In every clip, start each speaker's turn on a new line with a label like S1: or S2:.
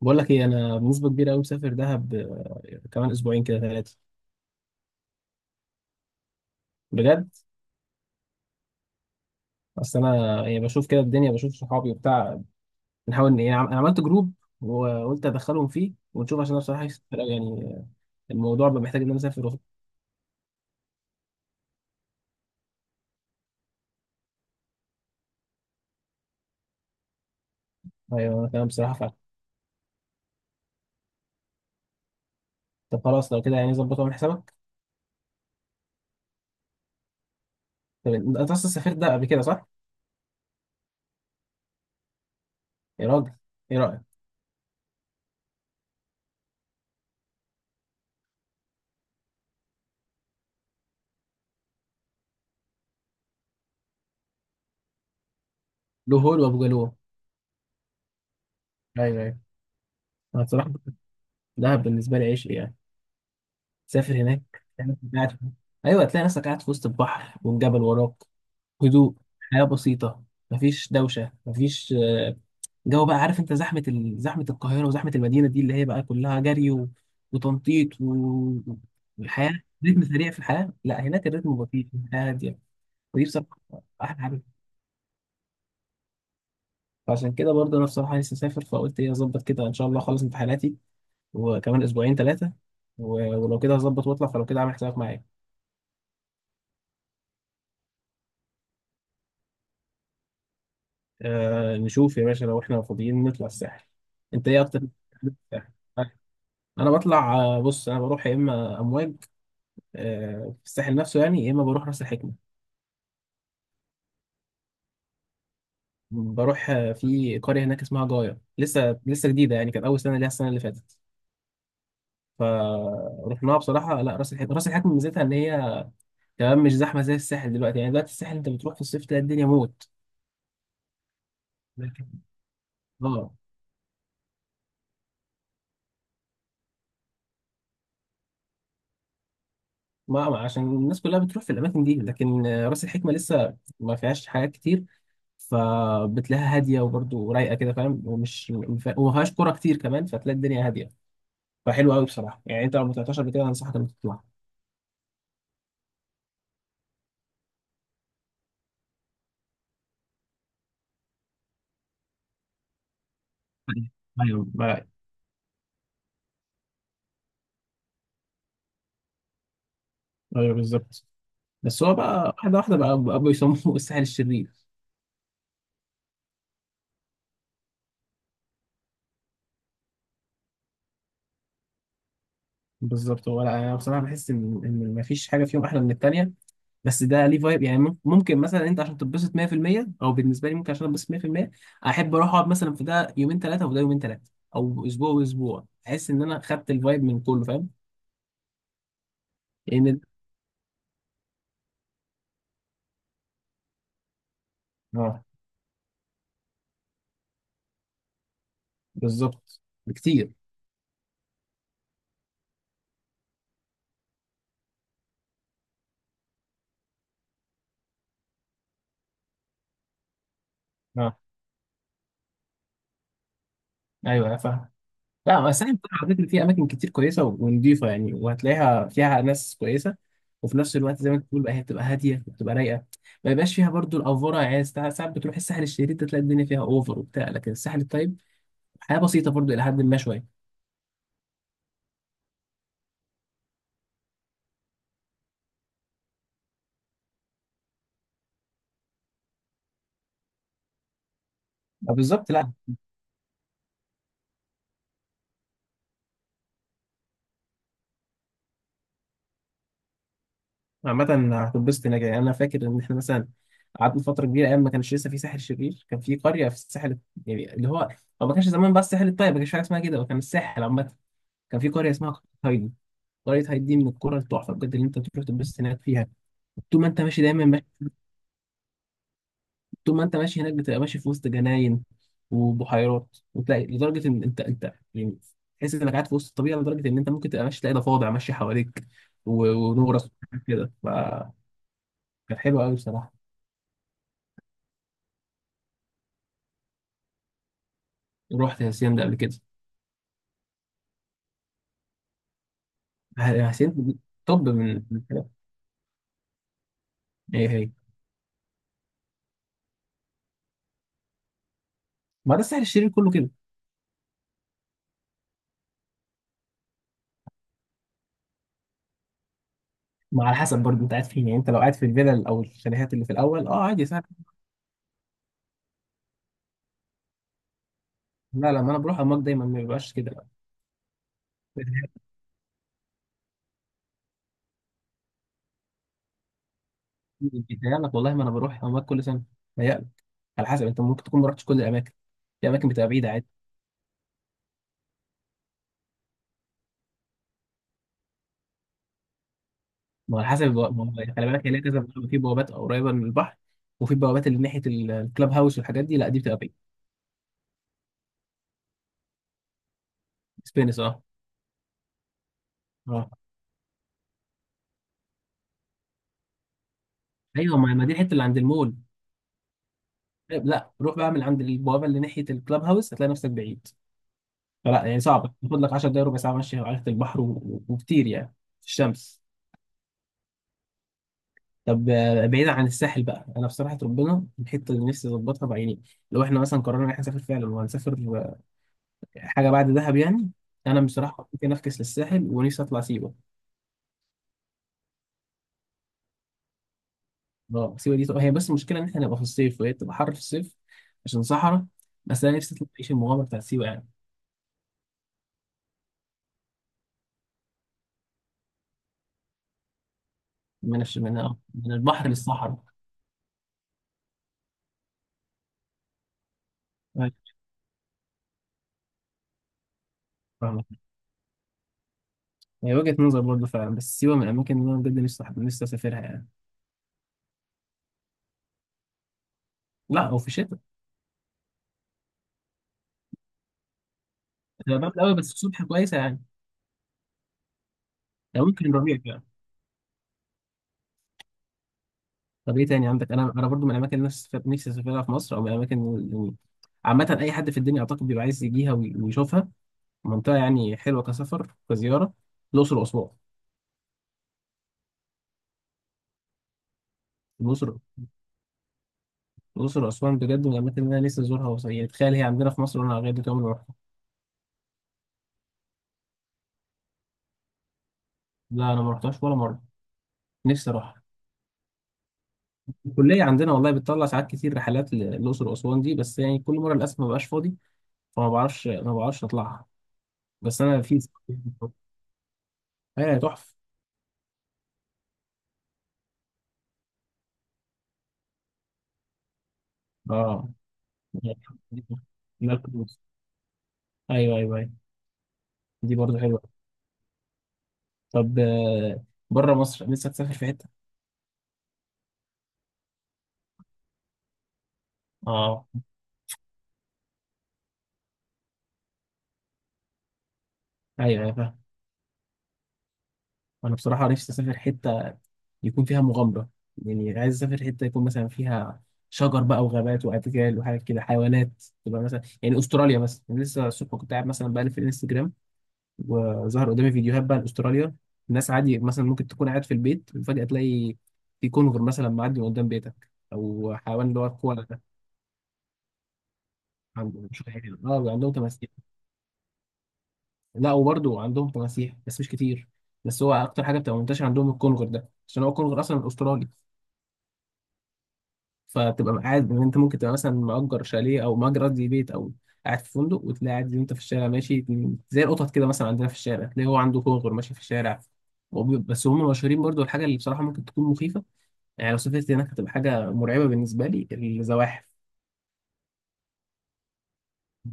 S1: بقول لك ايه، انا بنسبه كبيره قوي مسافر دهب، كمان اسبوعين كده ثلاثه بجد. اصل انا يعني بشوف كده الدنيا، بشوف صحابي وبتاع. بنحاول ان يعني انا عملت جروب، وقلت ادخلهم فيه ونشوف، عشان انا بصراحه نفسي أسافر أوي، يعني الموضوع بقى محتاج ان انا اسافر ايوه، انا كمان بصراحه فعلا. طب خلاص، لو كده يعني ظبط واعمل حسابك. طب انت اصلا سافرت ده قبل كده، صح؟ يا راجل! ايه رايك؟ له هول وابو جالوم. ايوه، ايوه. انا بصراحه دهب بالنسبه لي عشق يعني. تسافر هناك، تلاقي نفسك قاعد في- ايوه، تلاقي نفسك قاعد في وسط البحر، والجبل وراك. هدوء. حياة بسيطة. مفيش دوشة، مفيش جو. بقى عارف انت زحمة زحمة القاهرة وزحمة المدينة دي اللي هي بقى كلها جري وتنطيط والحياة. رتم سريع في الحياة. لا، هناك الرتم بطيء، الحياة هادية. ودي بصراحة أحلى حاجة. فعشان كده برضه أنا بصراحة لسه مسافر، فقلت إيه، أظبط كده إن شاء الله أخلص امتحاناتي وكمان أسبوعين ثلاثة و... ولو كده هظبط وأطلع، فلو كده عامل حسابك معايا. أه، نشوف يا باشا لو إحنا فاضيين نطلع الساحل. أنت إيه أكتر؟ انا بطلع، بص انا بروح يا اما امواج، في الساحل نفسه يعني، يا اما بروح راس الحكمه. بروح في قريه هناك اسمها جايه لسه جديده، يعني كانت اول سنه ليها السنه اللي فاتت. فرحناها بصراحه. لا، راس الحكمه راس الحكمه ميزتها ان هي كمان مش زحمه زي الساحل دلوقتي. يعني دلوقتي الساحل انت بتروح في الصيف تلاقي الدنيا موت. لكن- اه. عشان الناس كلها بتروح في الاماكن دي، لكن راس الحكمه لسه ما فيهاش حاجات كتير. فبتلاقيها هاديه وبرضه رايقه كده، فاهم؟ ومش وما فيهاش كوره كتير كمان، فتلاقي الدنيا هاديه. فحلو قوي بصراحه. يعني انت لو ما طلعتهاش قبل كده، انصحك انك تطلع. ايوه بقى. ايوه، بالظبط. بس هو بقى واحده واحده بقى بيسموه الساحل الشرير. بالظبط. هو لا، انا بصراحه بحس ان مفيش حاجه فيهم احلى من التانيه. بس ده ليه فايب يعني. ممكن مثلا انت عشان تتبسط 100%، او بالنسبه لي ممكن عشان اتبسط 100% احب اروح اقعد مثلا في ده يومين ثلاثه، وده يومين ثلاثه، او اسبوع واسبوع، احس ان انا خدت الفايب من كله، فاهم. لان يعني. اه. بالظبط. بكتير. اه. ايوه، فاهم. لا بس ساحل الطيب على فكرة فيه أماكن كتير كويسة ونضيفة، يعني وهتلاقيها فيها ناس كويسة. وفي نفس الوقت زي ما أنت بتقول بقى، هي بتبقى هادية وبتبقى رايقة. ما يبقاش فيها برضو الأفورة، يعني ساعات ساعات بتروح الساحل الشرير ده تلاقي الدنيا فيها أوفر وبتاع، لكن الساحل الطيب حياة بسيطة برضو إلى حد ما شوية. بالظبط، لا. عامة هتنبسط هناك يعني. أنا فاكر إن إحنا مثلا قعدنا فترة كبيرة. أيام ما كانش لسه في ساحل شرير، كان في قرية في الساحل يعني اللي هو، هو ما كانش زمان بس الساحل الطيب، ما كانش في حاجة اسمها كده، وكان الساحل عامة كان في قرية اسمها قرية طريقتها هيدي من الكرة التحفة بجد، اللي انت تروح تتبسط هناك فيها. طول ما انت ماشي دايما ماشي. طول ما انت ماشي هناك بتبقى ماشي في وسط جناين وبحيرات، وتلاقي لدرجة ان انت يعني تحس انك قاعد في وسط الطبيعة، لدرجة ان انت ممكن تبقى ماشي تلاقي ضفادع ماشية حواليك ونورس كده فكانت حلوة قوي بصراحة. رحت هاسيان ده قبل كده. هاسيان. طب من الحاجات هي هي. ما ده الساحل الشرير كله كده. ما على حسب برضه انت قاعد فين، يعني انت لو قاعد في الفيلل او الشاليهات اللي في الاول اه عادي سهل. لا، لا، ما انا بروح اماك دايما ما بيبقاش كده. بيتهيألك والله، ما انا بروح اماكن كل سنه. بيتهيألك. على حسب، انت ممكن تكون ما رحتش كل الاماكن. في اماكن بتبقى بعيده عادي. ما هو على حسب ما هو يعني، خلي بالك هي ليها كذا بوابة. في بوابات قريبه من البحر وفي بوابات اللي ناحيه الكلاب هاوس والحاجات دي لا، دي بتبقى بعيد. سبينس، اه. اه، ايوه، ما دي الحته اللي عند المول. لا، روح بقى من عند البوابه اللي ناحيه الكلاب هاوس هتلاقي نفسك بعيد. فلا، يعني صعبه، تاخد لك 10 دقايق ربع ساعه ماشي على ناحيه البحر وكتير يعني في الشمس. طب بعيدا عن الساحل بقى، انا بصراحه ربنا، الحته اللي نفسي اظبطها بعيني لو احنا مثلا قررنا ان احنا نسافر فعلا، وهنسافر حاجه بعد دهب يعني. انا بصراحه ممكن افكس للساحل، ونفسي اطلع سيوه. اه، سيوه دي هي، بس المشكله ان احنا نبقى في الصيف وهي بتبقى حر في الصيف عشان صحراء. بس انا نفسي اطلع اعيش المغامره بتاعت سيوه يعني. من من البحر للصحراء. أيوة، فاهمك. هي وجهه نظر برضه فعلا، بس سيوه من الاماكن اللي انا بجد نفسي نفسي اسافرها يعني. لا، وفي الشتاء. هي برد قوي، بس الصبح كويسه يعني. لو ممكن ربيع. طب ايه تاني عندك؟ انا برضو من الاماكن اللي نفسي نفسي اسافرها في مصر، او من الاماكن يعني عامه اي حد في الدنيا اعتقد بيبقى عايز يجيها ويشوفها، منطقه يعني حلوه كسفر كزياره. الاقصر واسوان. الاقصر. الاقصر واسوان بجد من الاماكن اللي انا لسه ازورها يعني تخيل هي عندنا في مصر، وانا لغايه دلوقتي عمري ما رحتها. لا، انا ما رحتهاش ولا مره. نفسي اروحها. الكليه عندنا والله بتطلع ساعات كتير رحلات للاقصر واسوان دي، بس يعني كل مره للاسف ما بقاش فاضي. فما بعرفش ما بعرفش اطلعها. بس انا في ايه تحفه. اه. ايوه، ايوه، ايوه. دي برضه حلوه. طب بره مصر نفسك تسافر في حته؟ اه. ايوه، ايوه، فاهم. انا بصراحه نفسي اسافر حته يكون فيها مغامره، يعني عايز اسافر حته يكون مثلا فيها شجر بقى وغابات وادجال وحاجات كده حيوانات. تبقى مثلا، يعني استراليا مثلا، يعني لسه الصبح كنت قاعد مثلا بقلب في الانستجرام وظهر قدامي فيديوهات بقى لاستراليا. الناس عادي مثلا ممكن تكون قاعد في البيت، وفجاه تلاقي في كونغر مثلا معدي من قدام بيتك، او حيوان اللي هو الكوالا ده. عندهم مش عارف. اه، عندهم تماسيح. لا، وبرضه عندهم تماسيح بس مش كتير. بس هو اكتر حاجه بتبقى منتشره عندهم الكونغر ده، عشان هو الكونغر اصلا استرالي. فتبقى قاعد ان انت ممكن تبقى مثلا مأجر شاليه او مأجر قصدي بيت، او قاعد في فندق، وتلاقي قاعد انت في الشارع ماشي، زي القطط كده مثلا عندنا في الشارع، تلاقي هو عنده كونغر ماشي في الشارع. بس هم مشهورين برضو. الحاجه اللي بصراحه ممكن تكون مخيفه يعني لو سافرت هناك، هتبقى حاجه مرعبه بالنسبه لي. الزواحف.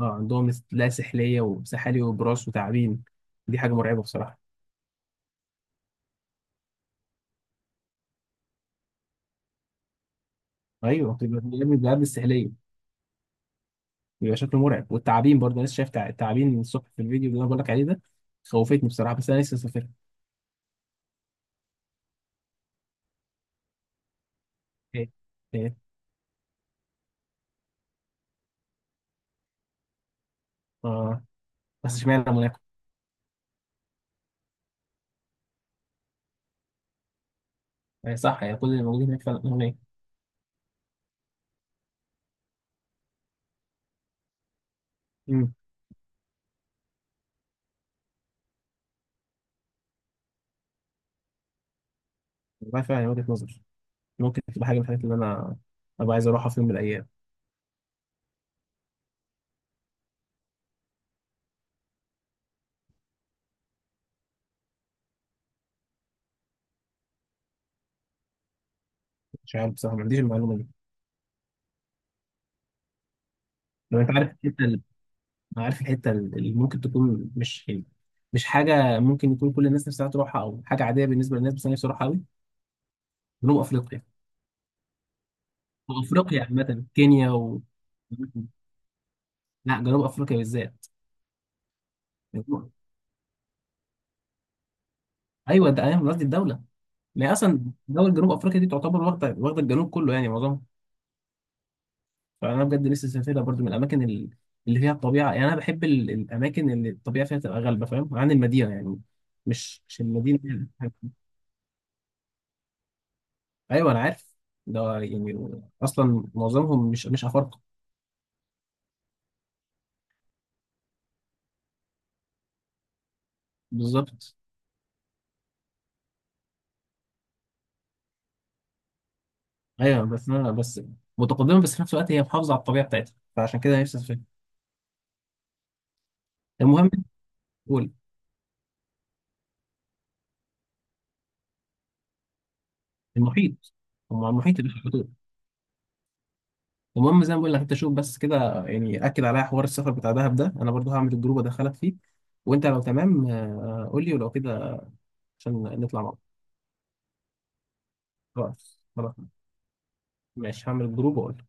S1: اه عندهم، لا سحليه وسحالي وبراس وتعابين. دي حاجه مرعبه بصراحه. ايوه، بتبقى من البلاد السحليه. بيبقى شكله مرعب. والتعابين برضه أنا لسه شايف تعابين من الصبح في الفيديو اللي انا بقول لك عليه ده. خوفتني بصراحه، بس انا لسه مسافرها. ايه. ايه. اه، بس اشمعنى موناكو؟ هي صح؟ يعني كل اللي موجودين هناك فعلا اغنياء؟ امم. والله فعلا هي وجهه نظر. ممكن تبقى حاجه من الحاجات اللي انا ابقى عايز اروحها في يوم من الايام. مش عارف بصراحه، ما عنديش المعلومه دي. لو انت عارف الحته اللي ممكن تكون مش يعني مش حاجه ممكن يكون كل الناس نفسها تروحها او حاجه عاديه بالنسبه للناس، بس انا نفسي اروحها قوي. جنوب افريقيا. وافريقيا عامه كينيا و لا، جنوب افريقيا بالذات. ايوه. انت ايوه، قصدي الدوله. لا اصلا دول جنوب افريقيا دي تعتبر واخده واخده الجنوب كله، يعني معظمها. فانا بجد لسه سافرها برضو من الاماكن اللي فيها الطبيعه. يعني انا بحب الاماكن اللي الطبيعه فيها تبقى غالبه، فاهم، عن المدينه يعني. مش المدينه هي اللي بتحب. ايوه، انا عارف. ده يعني اصلا معظمهم مش افارقه. بالظبط. ايوه بس انا بس متقدمه، بس في نفس الوقت هي محافظه على الطبيعه بتاعتها، فعشان كده نفسي اسافرها. المهم. قول. المحيط. هم على المحيط اللي في الحدود. المهم زي ما بقول لك، انت شوف بس كده، يعني اكد عليا حوار السفر بتاع دهب ده، انا برضو هعمل الجروب ادخلك فيه. وانت لو تمام قول لي، ولو كده عشان نطلع مع بعض. خلاص، خلاص. ماشي، هعمل الجروب واقول